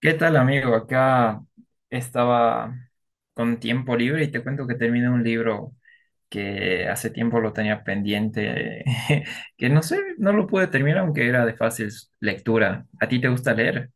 ¿Qué tal, amigo? Acá estaba con tiempo libre y te cuento que terminé un libro que hace tiempo lo tenía pendiente, que no sé, no lo pude terminar aunque era de fácil lectura. ¿A ti te gusta leer?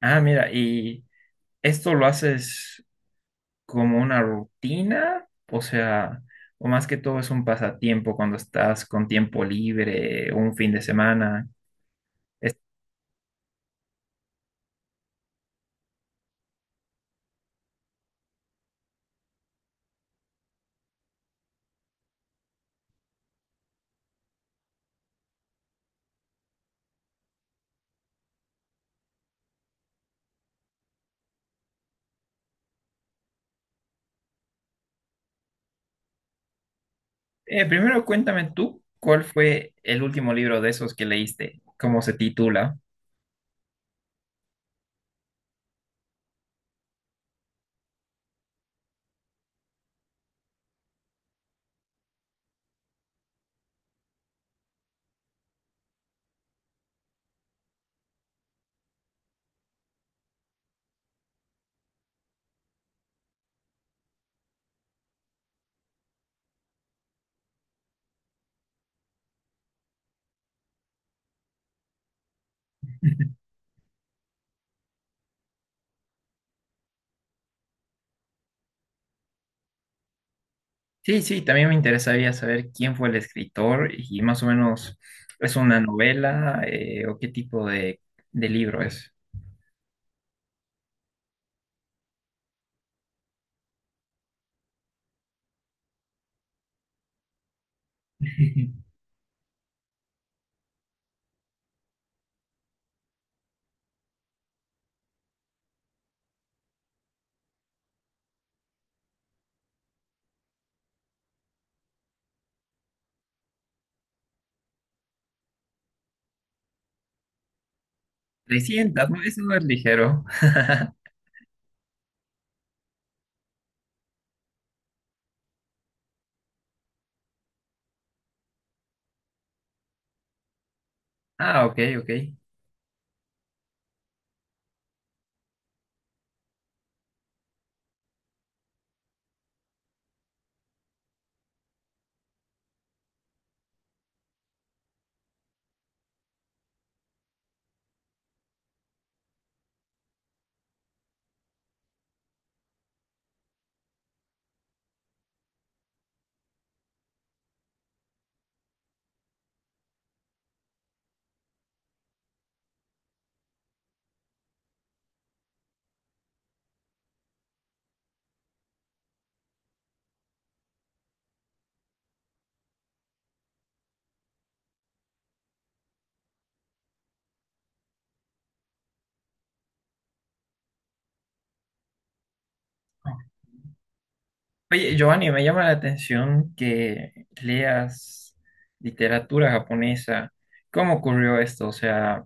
Ah, mira, ¿y esto lo haces como una rutina? O sea, o más que todo es un pasatiempo cuando estás con tiempo libre, un fin de semana. Primero cuéntame tú, ¿cuál fue el último libro de esos que leíste? ¿Cómo se titula? Sí, sí, también me interesaría saber quién fue el escritor y más o menos es una novela o qué tipo de libro es. 300, ¿no? Eso no es ligero. Ah, ok, ok. Oye, Giovanni, me llama la atención que leas literatura japonesa. ¿Cómo ocurrió esto? O sea,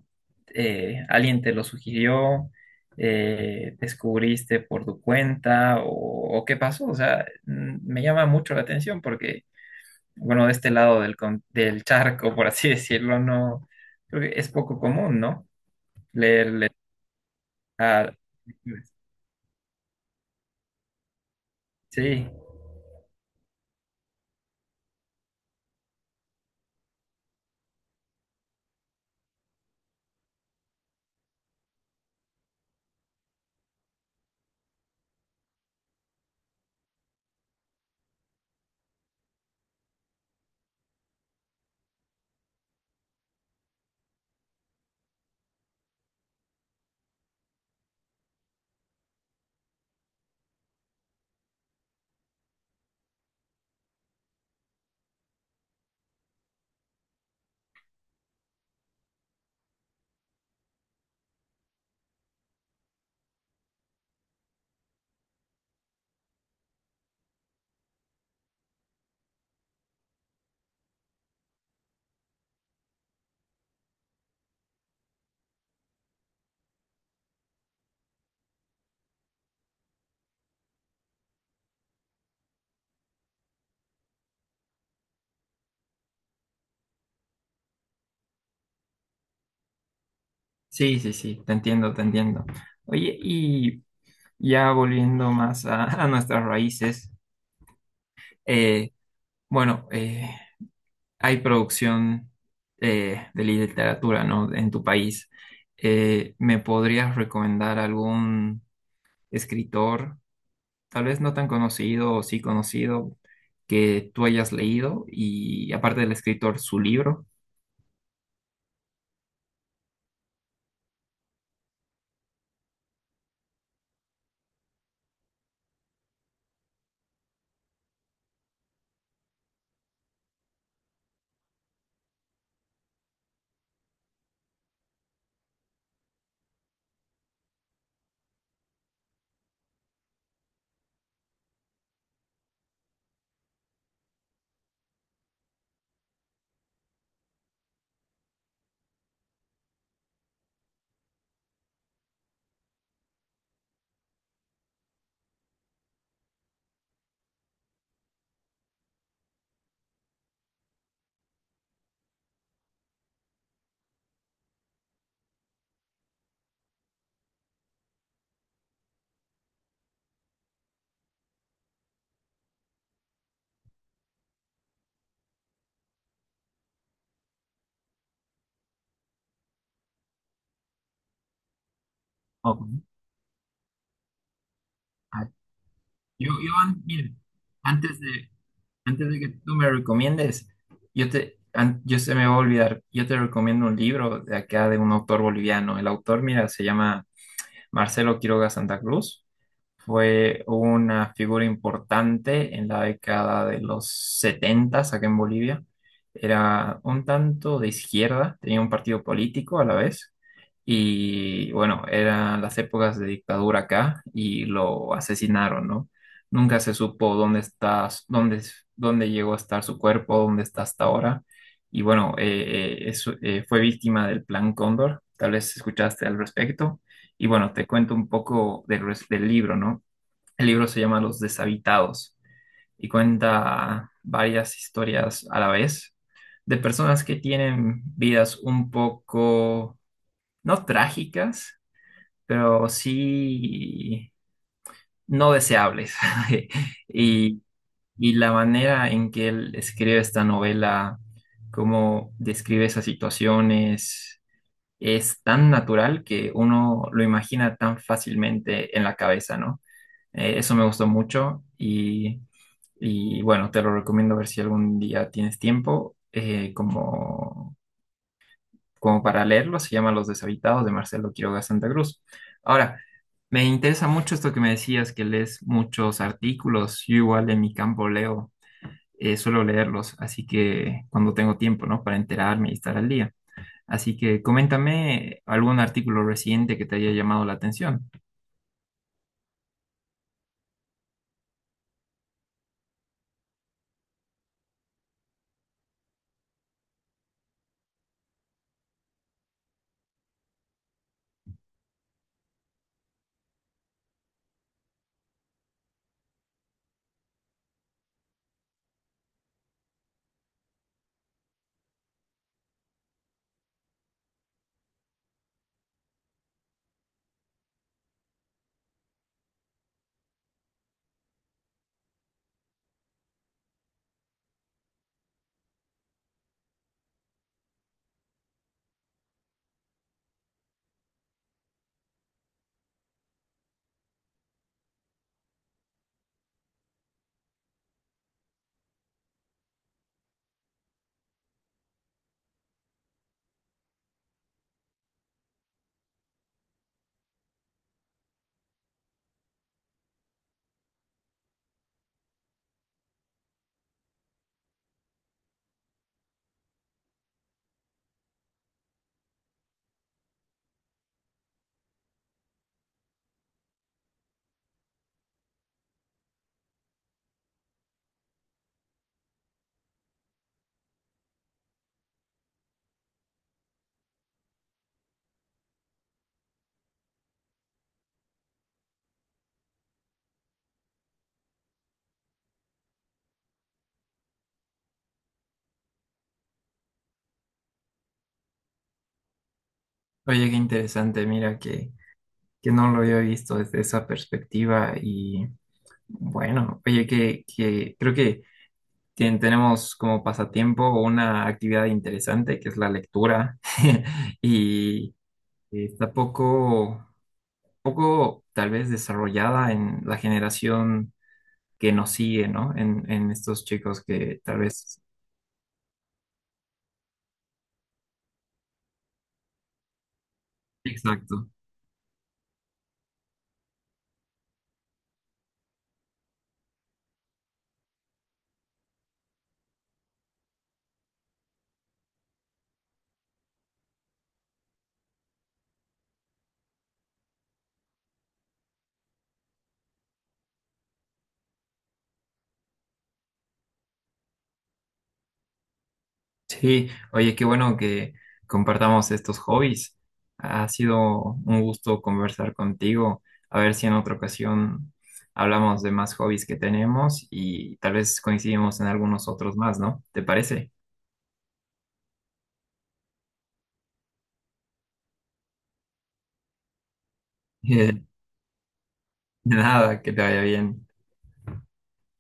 ¿alguien te lo sugirió? ¿Descubriste por tu cuenta? O qué pasó? O sea, me llama mucho la atención porque, bueno, de este lado del charco, por así decirlo, no, creo que es poco común, ¿no? Leer. Ah, Sí, sí, sí, te entiendo, te entiendo. Oye, y... Ya volviendo más a, a nuestras raíces, eh, bueno, eh, hay producción de literatura, ¿no? En tu país. ¿Me podrías recomendar algún escritor, tal vez no tan conocido o sí conocido, que tú hayas leído y aparte del escritor, su libro? Ok. Ah, miren, antes de, antes de que tú me recomiendes, yo se me va a olvidar, yo te recomiendo un libro de acá de un autor boliviano. El autor, mira, se llama Marcelo Quiroga Santa Cruz. Fue una figura importante en la década de los 70, acá en Bolivia. Era un tanto de izquierda, tenía un partido político a la vez. Y bueno, eran las épocas de dictadura acá y lo asesinaron, ¿no? Nunca se supo dónde está, dónde, dónde llegó a estar su cuerpo, dónde está hasta ahora. Y bueno, fue víctima del Plan Cóndor. Tal vez escuchaste al respecto. Y bueno, te cuento un poco del libro, ¿no? El libro se llama Los Deshabitados y cuenta varias historias a la vez de personas que tienen vidas un poco, no trágicas, pero sí no deseables. Y, y la manera en que él escribe esta novela, cómo describe esas situaciones, es tan natural que uno lo imagina tan fácilmente en la cabeza, ¿no? Eso me gustó mucho y, bueno, te lo recomiendo a ver si algún día tienes tiempo como, como para leerlo. Se llama Los Deshabitados de Marcelo Quiroga Santa Cruz. Ahora, me interesa mucho esto que me decías, que lees muchos artículos. Yo igual en mi campo leo, suelo leerlos, así que cuando tengo tiempo, ¿no? Para enterarme y estar al día. Así que coméntame algún artículo reciente que te haya llamado la atención. Oye, qué interesante, mira que no lo había visto desde esa perspectiva y bueno, oye, que creo que tenemos como pasatiempo una actividad interesante que es la lectura y está poco, poco tal vez desarrollada en la generación que nos sigue, ¿no? En estos chicos que tal vez... Exacto. Sí, oye, qué bueno que compartamos estos hobbies. Ha sido un gusto conversar contigo. A ver si en otra ocasión hablamos de más hobbies que tenemos y tal vez coincidimos en algunos otros más, ¿no? ¿Te parece? De nada, que te vaya bien.